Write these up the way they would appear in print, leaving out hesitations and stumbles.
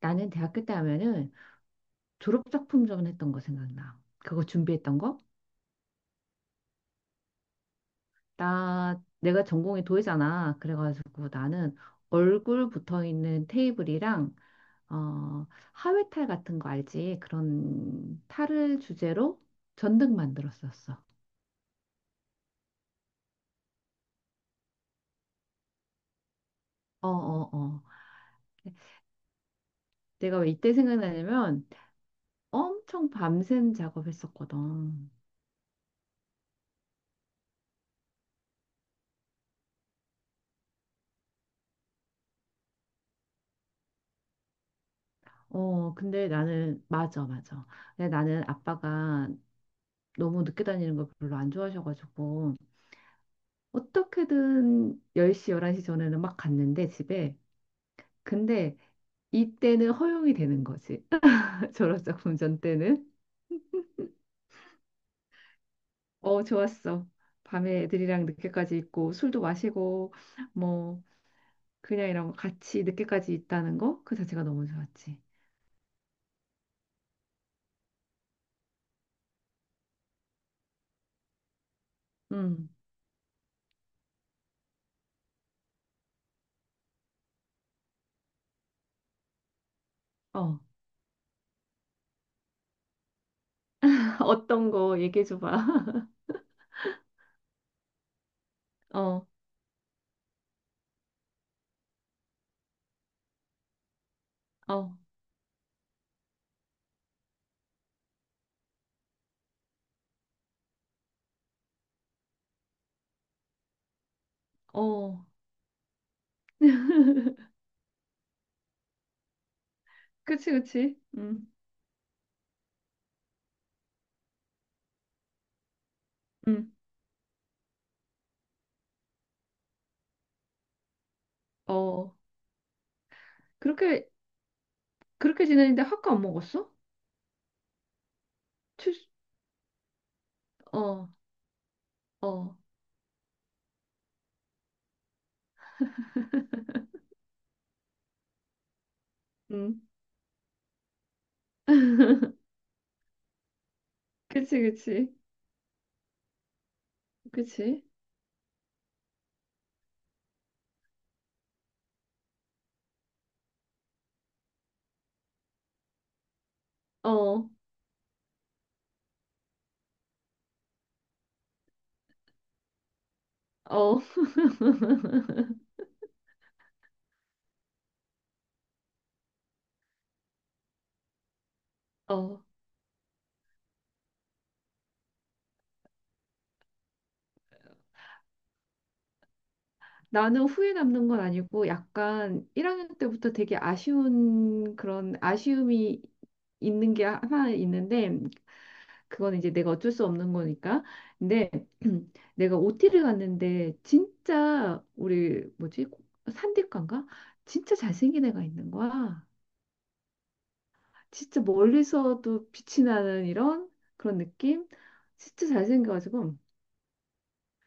나는 대학교 때 하면은 졸업작품 전 했던 거 생각나. 그거 준비했던 거? 내가 전공이 도예잖아. 그래가지고 나는 얼굴 붙어 있는 테이블이랑, 어, 하회탈 같은 거 알지? 그런 탈을 주제로 전등 만들었었어. 어, 어, 어. 내가 왜 이때 생각나냐면 엄청 밤샘 작업했었거든. 어, 맞아, 맞아. 근데 나는 아빠가 너무 늦게 다니는 걸 별로 안 좋아하셔가지고 어떻게든 10시, 11시 전에는 막 갔는데 집에. 근데 이때는 허용이 되는 거지. 졸업작 품절 때는. 어, 좋았어. 밤에 애들이랑 늦게까지 있고 술도 마시고 뭐 그냥 이런 거 같이 늦게까지 있다는 거 그 자체가 너무 좋았지. 음. 어. 어떤 거 얘기해 줘 봐. 어. 어. 어. 그치, 그치. 음. 음. 어. 그렇게 그렇게 지내는데 학과 안 먹었어? 출 어. 어. 응 그치, 그치, 그치. 어, 어, 어. 나는 후회 남는 건 아니고 약간 1학년 때부터 되게 아쉬운 그런 아쉬움이 있는 게 하나 있는데 그건 이제 내가 어쩔 수 없는 거니까. 근데 내가 OT를 갔는데 진짜 우리 뭐지? 산디과인가? 진짜 잘생긴 애가 있는 거야. 진짜 멀리서도 빛이 나는 이런 그런 느낌? 진짜 잘생겨가지고.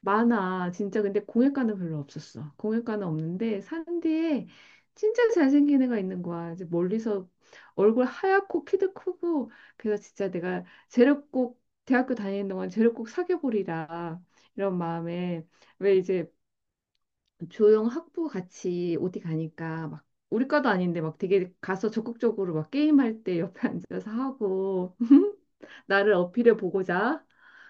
많아. 진짜 근데 공예과는 별로 없었어. 공예과는 없는데 산 뒤에 진짜 잘생긴 애가 있는 거야. 이제 멀리서 얼굴 하얗고 키도 크고 그래서 진짜 내가 쟤를 꼭 대학교 다니는 동안 쟤를 꼭 사귀어보리라 이런 마음에 왜 이제 조용 학부 같이 어디 가니까 막 우리 과도 아닌데 막 되게 가서 적극적으로 막 게임할 때 옆에 앉아서 하고 나를 어필해 보고자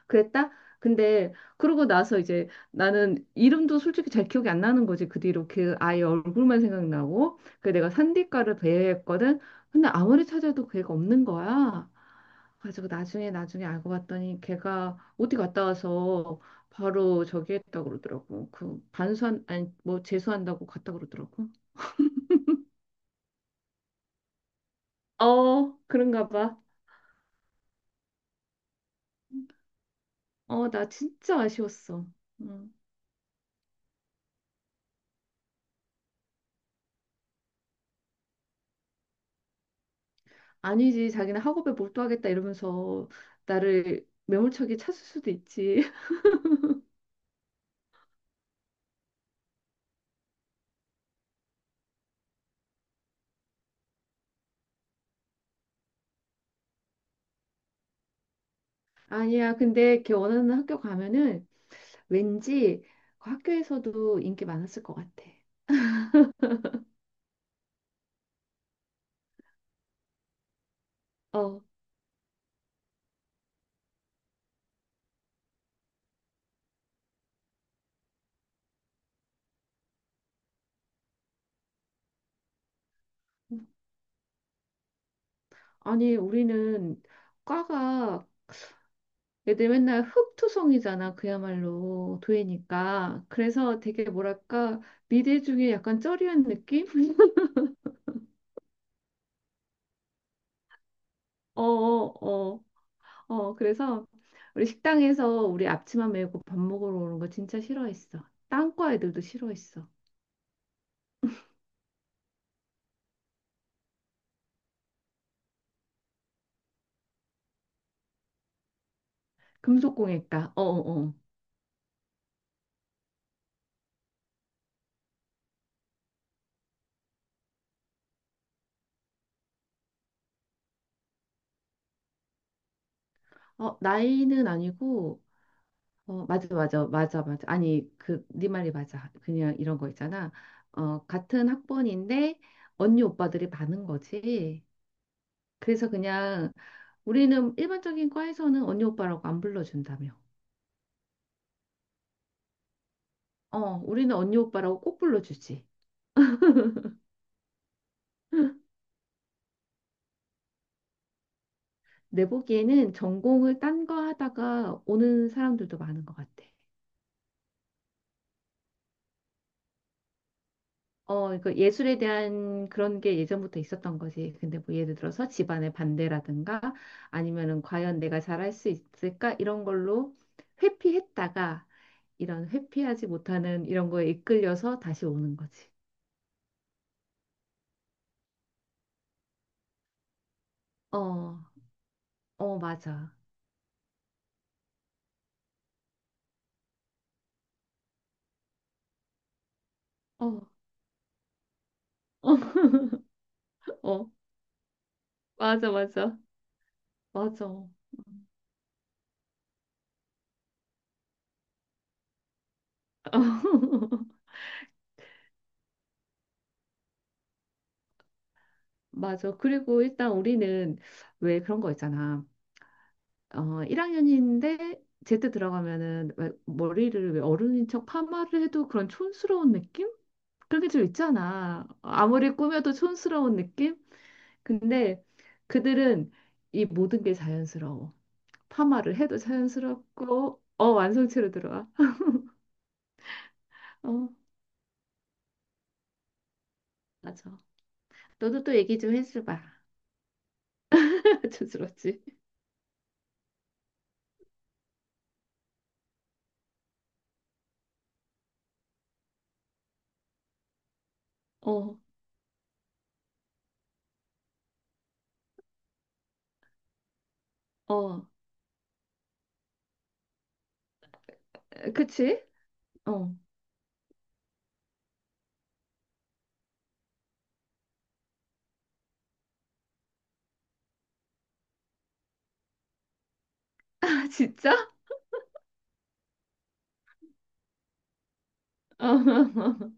그랬다? 근데 그러고 나서 이제 나는 이름도 솔직히 잘 기억이 안 나는 거지. 그 뒤로 그 아이 얼굴만 생각나고 그 내가 산디과를 배회했거든. 근데 아무리 찾아도 걔가 없는 거야. 그래가지고 나중에 알고 봤더니 걔가 어디 갔다 와서 바로 저기 했다 그러더라고. 그 반수한 아니 뭐 재수한다고 갔다 그러더라고. 어 그런가 봐. 어 나 진짜 아쉬웠어. 음. 아니지, 자기는 학업에 몰두하겠다 이러면서 나를 매몰차게 찾을 수도 있지. 아니야, 근데 걔 원하는 학교 가면은 왠지 그 학교에서도 인기 많았을 것 같아. 어. 아니, 우리는 과가 애들 맨날 흙투성이잖아, 그야말로 도예니까. 그래서 되게 뭐랄까, 미대 중에 약간 쩌리한 느낌? 어, 어, 어. 어, 그래서 우리 식당에서 우리 앞치마 메고 밥 먹으러 오는 거 진짜 싫어했어. 땅과 애들도 싫어했어. 금속공예과. 어, 어, 어. 어, 나이는 아니고 어, 맞아, 맞아, 맞아, 맞아. 아니, 그 네 말이 맞아. 그냥 이런 거 있잖아. 어, 같은 학번인데 언니 오빠들이 많은 거지. 그래서 그냥 우리는 일반적인 과에서는 언니 오빠라고 안 불러준다며. 어, 우리는 언니 오빠라고 꼭 불러주지. 내 보기에는 전공을 딴 거 하다가 오는 사람들도 많은 것 같아. 어, 그 예술에 대한 그런 게 예전부터 있었던 거지. 근데 뭐 예를 들어서 집안의 반대라든가 아니면은 과연 내가 잘할 수 있을까? 이런 걸로 회피했다가 이런 회피하지 못하는 이런 거에 이끌려서 다시 오는 거지. 어, 어, 맞아. 어, 어, 어, 맞아, 맞아. 맞아. 맞아. 그리고 일단 우리는 왜 그런 거 있잖아. 어, 1학년인데 제때 들어가면은 왜 머리를 왜 어른인 척 파마를 해도 그런 촌스러운 느낌? 그런 게 좀 있잖아. 아무리 꾸며도 촌스러운 느낌? 근데 그들은 이 모든 게 자연스러워. 파마를 해도 자연스럽고, 어, 완성체로 들어와. 어, 맞아. 너도 또 얘기 좀 해줘봐. 촌스럽지? 어, 어, 그치? 어. 아, 진짜? 어.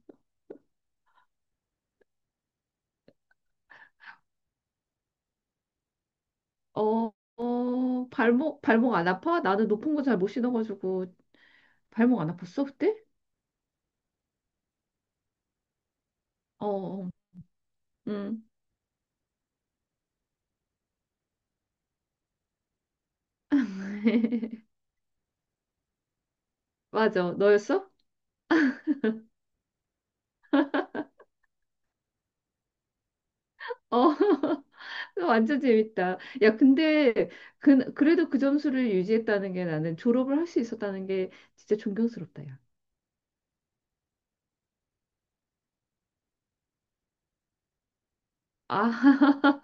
어, 어, 발목, 발목 안 아파? 나는 높은 거 잘 못 신어가지고 발목 안 아팠어, 그때? 어, 어, 응. 맞아. 너였어? 어, 완전 재밌다. 야, 근데 그래도 그 점수를 유지했다는 게 나는 졸업을 할 수 있었다는 게 진짜 존경스럽다, 야. 아,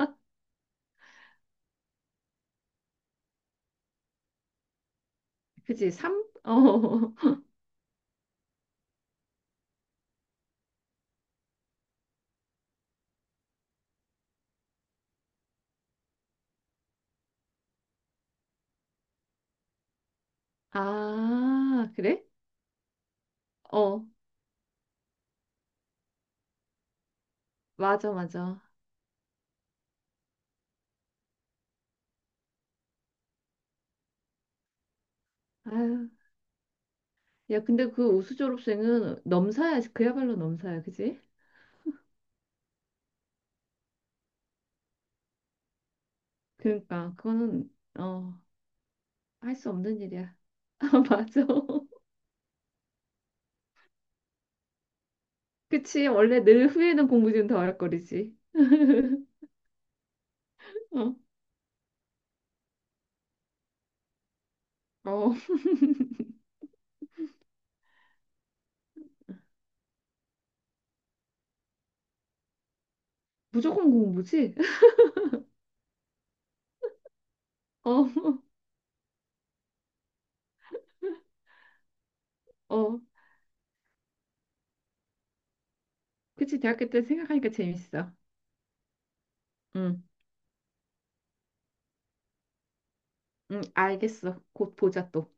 그지? 삼 어. 아, 그래? 어, 맞아, 맞아. 아유. 야, 근데 그 우수 졸업생은 넘사야. 그야말로 넘사야, 그지? 그러니까 그거는 어 할 수 없는 일이야. 아, 맞아. 그치. 원래 늘 후회는 공부 좀 더 어렵거리지. 어, 어, 무조건 공부지? 어, 어. 그치. 대학교 때 생각하니까 재밌어. 응, 응, 알겠어. 곧 보자 또.